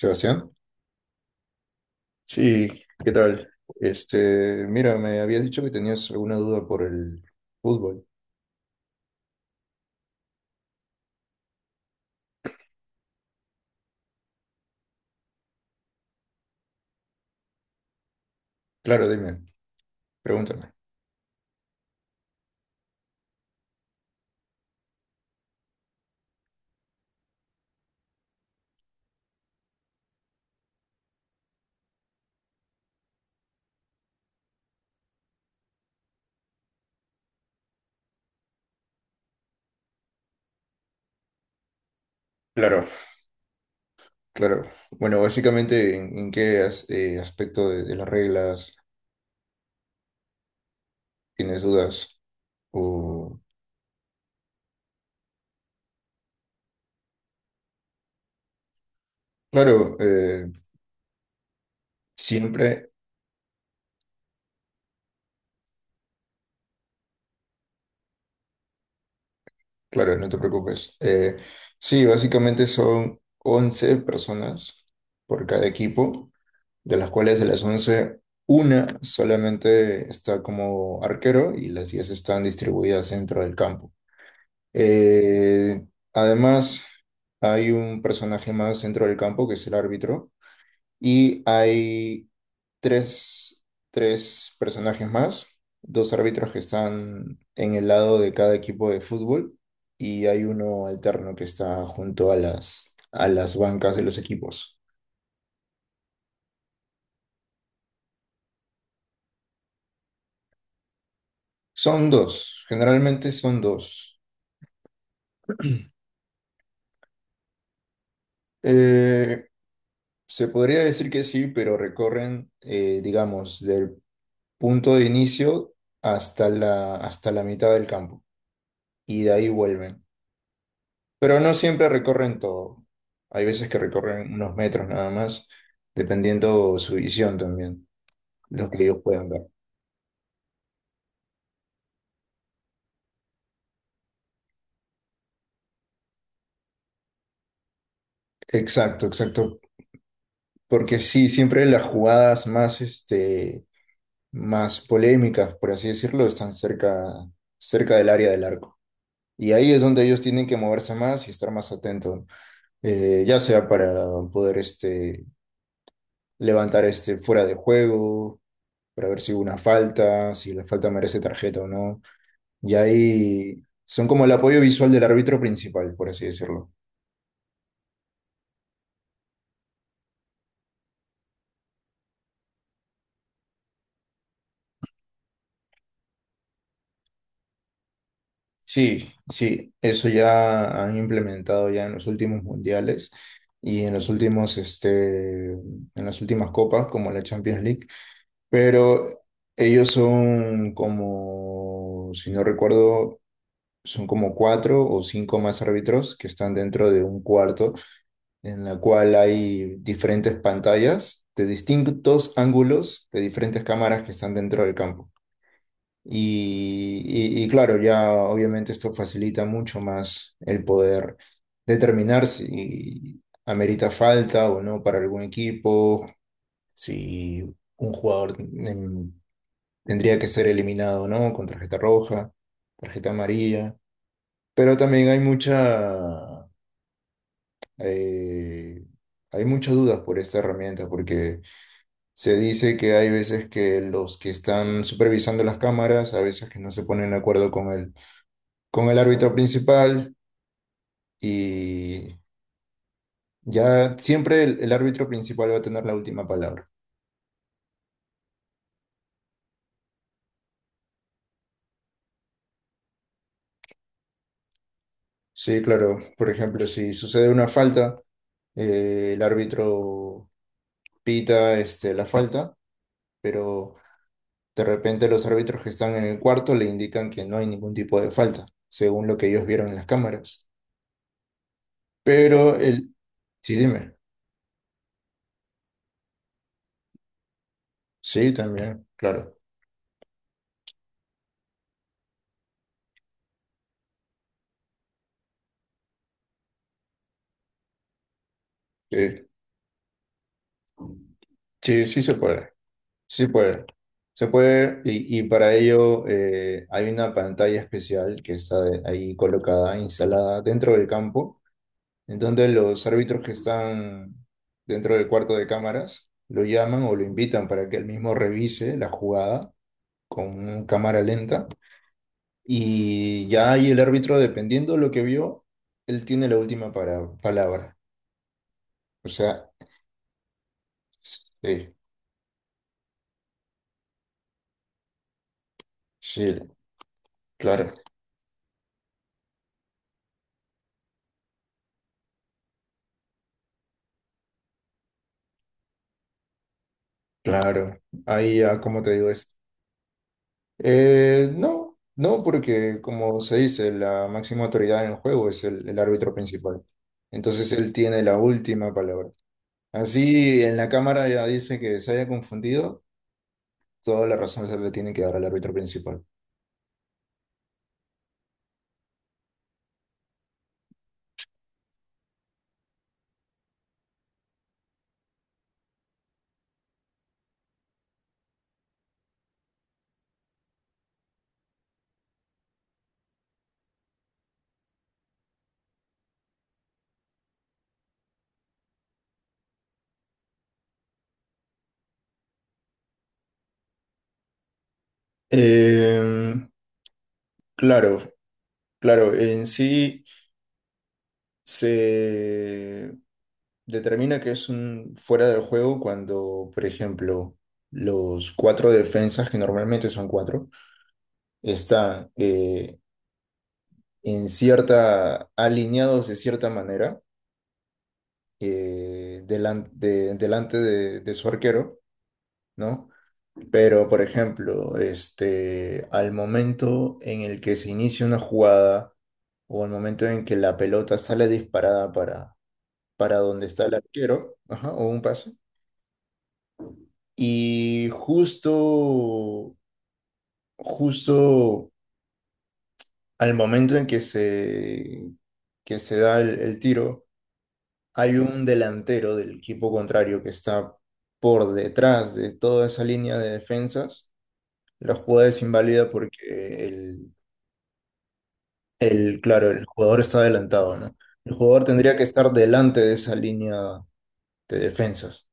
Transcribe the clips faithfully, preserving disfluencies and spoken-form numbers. Sebastián, sí, ¿qué tal? Este, mira, me habías dicho que tenías alguna duda por el fútbol. Claro, dime, pregúntame. Claro, claro. Bueno, básicamente, ¿en, en qué as- eh, aspecto de, de las reglas tienes dudas? O, claro, eh, siempre, claro, no te preocupes. Eh, sí, básicamente son once personas por cada equipo. De las cuales, de las once, una solamente está como arquero y las diez están distribuidas dentro del campo. Eh, Además, hay un personaje más dentro del campo que es el árbitro, y hay tres, tres personajes más, dos árbitros que están en el lado de cada equipo de fútbol, y hay uno alterno que está junto a las, a las bancas de los equipos. Son dos, generalmente son dos. Eh, Se podría decir que sí, pero recorren, eh, digamos, del punto de inicio hasta la, hasta la mitad del campo y de ahí vuelven. Pero no siempre recorren todo. Hay veces que recorren unos metros nada más, dependiendo su visión también, lo que ellos puedan ver. Exacto, exacto. Porque sí, siempre las jugadas más, este, más polémicas, por así decirlo, están cerca, cerca del área del arco. Y ahí es donde ellos tienen que moverse más y estar más atentos, eh, ya sea para poder este, levantar este fuera de juego, para ver si hubo una falta, si la falta merece tarjeta o no. Y ahí son como el apoyo visual del árbitro principal, por así decirlo. Sí, sí, eso ya han implementado ya en los últimos mundiales y en los últimos, este, en las últimas copas, como la Champions League. Pero ellos son como, si no recuerdo, son como cuatro o cinco más árbitros que están dentro de un cuarto en la cual hay diferentes pantallas de distintos ángulos de diferentes cámaras que están dentro del campo. Y, y- y claro, ya obviamente esto facilita mucho más el poder determinar si amerita falta o no para algún equipo, si un jugador... em, tendría que ser eliminado, ¿no? Con tarjeta roja, tarjeta amarilla. Pero también hay mucha, eh, hay muchas dudas por esta herramienta, porque se dice que hay veces que los que están supervisando las cámaras, a veces que no se ponen de acuerdo con el, con el árbitro principal, y ya siempre el, el árbitro principal va a tener la última palabra. Sí, claro. Por ejemplo, si sucede una falta, eh, el árbitro pita este, la falta, pero de repente los árbitros que están en el cuarto le indican que no hay ningún tipo de falta, según lo que ellos vieron en las cámaras. Pero el... Sí, dime. Sí, también, claro. Sí, sí, sí se puede. Sí puede. Se puede y, y para ello eh, hay una pantalla especial que está de- ahí colocada, instalada dentro del campo, en donde los árbitros que están dentro del cuarto de cámaras lo llaman o lo invitan para que él mismo revise la jugada con cámara lenta, y ya ahí el árbitro, dependiendo de lo que vio, él tiene la última para- palabra. O sea, sí, sí, claro, claro. Ahí ya, ¿cómo te digo esto? Eh, no, no, porque como se dice, la máxima autoridad en el juego es el, el árbitro principal. Entonces él tiene la última palabra. Así en la cámara ya dice que se haya confundido, toda la razón se le tiene que dar al árbitro principal. Eh, claro, claro, en sí se determina que es un fuera de juego cuando, por ejemplo, los cuatro defensas, que normalmente son cuatro, están eh, en cierta, alineados de cierta manera, eh, delan- de- delante de, de su arquero, ¿no? Pero, por ejemplo, este, al momento en el que se inicia una jugada o al momento en que la pelota sale disparada para donde está el arquero, ajá, o un pase. Y justo, justo al momento en que se, que se da el, el tiro, hay un delantero del equipo contrario que está por detrás de toda esa línea de defensas. La jugada es inválida porque el, el, claro, el jugador está adelantado, ¿no? El jugador tendría que estar delante de esa línea de defensas,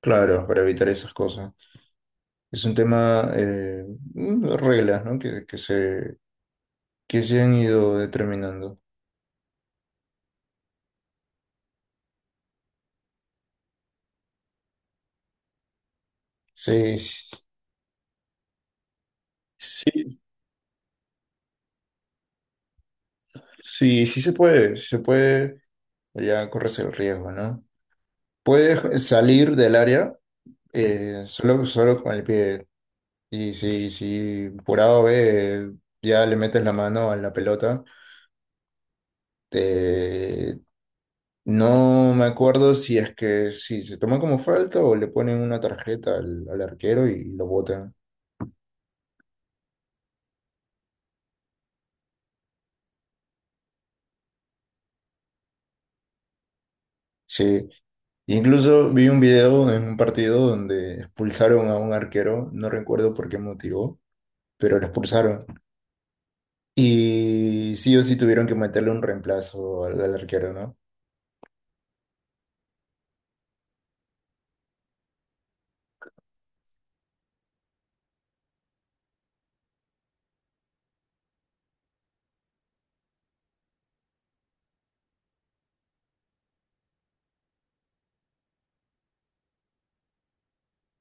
claro, para evitar esas cosas. Es un tema, eh, mm, reglas, ¿no? Que, que se, que se han ido determinando. Sí, sí, sí, sí, sí se puede, sí se puede, ya corres el riesgo, ¿no? Puedes salir del área, eh, solo, solo con el pie. Y si, si por A o B ya le metes la mano a la pelota, te- no me acuerdo si es que sí, se toma como falta o le ponen una tarjeta al, al arquero y lo botan. Sí. Incluso vi un video en un partido donde expulsaron a un arquero, no recuerdo por qué motivo, pero lo expulsaron. Y sí o sí tuvieron que meterle un reemplazo al, al arquero, ¿no?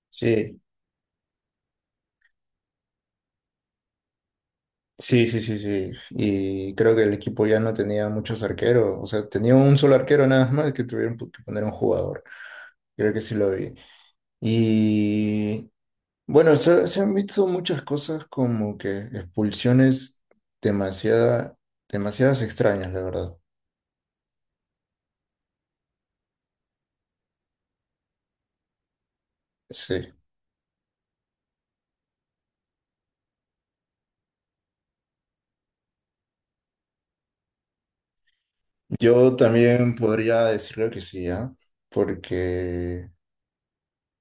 Sí, sí, sí, sí, sí. Y creo que el equipo ya no tenía muchos arqueros, o sea, tenía un solo arquero nada más que tuvieron pu- que poner un jugador. Creo que sí lo vi. Y bueno, se, se han visto muchas cosas como que expulsiones demasiada, demasiadas extrañas, la verdad. Sí, yo también podría decirlo que sí, ¿ah? Porque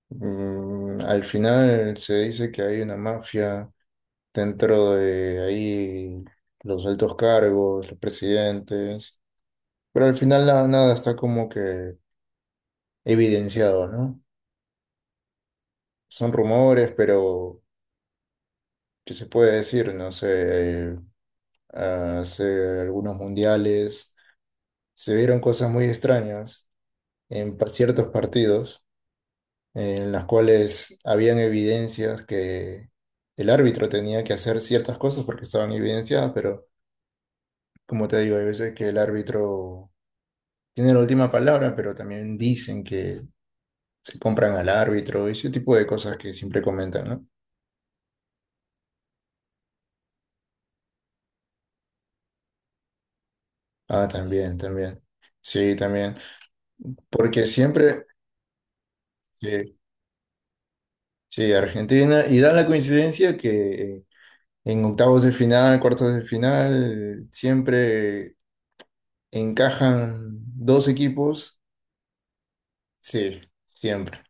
mm, al final se dice que hay una mafia dentro de ahí, los altos cargos, los presidentes, pero al final nada, nada está como que evidenciado, ¿no? Son rumores, pero ¿qué se puede decir? No sé, hace algunos mundiales se vieron cosas muy extrañas en pa- ciertos partidos en las cuales habían evidencias que el árbitro tenía que hacer ciertas cosas porque estaban evidenciadas, pero como te digo, hay veces que el árbitro tiene la última palabra, pero también dicen que se compran al árbitro y ese tipo de cosas que siempre comentan, ¿no? Ah, también, también. Sí, también. Porque siempre, sí, sí, Argentina, y da la coincidencia que... eh, en octavos de final, cuartos de final, siempre encajan dos equipos. Sí, siempre.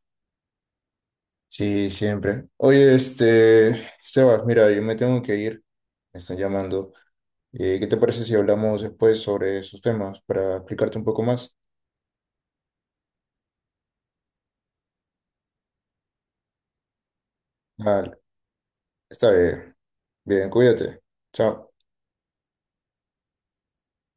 Sí, siempre. Oye, este, Sebas, mira, yo me tengo que ir. Me están llamando. Eh, ¿qué te parece si hablamos después sobre esos temas para explicarte un poco más? Vale, está bien. Bien, cuídate. Chao.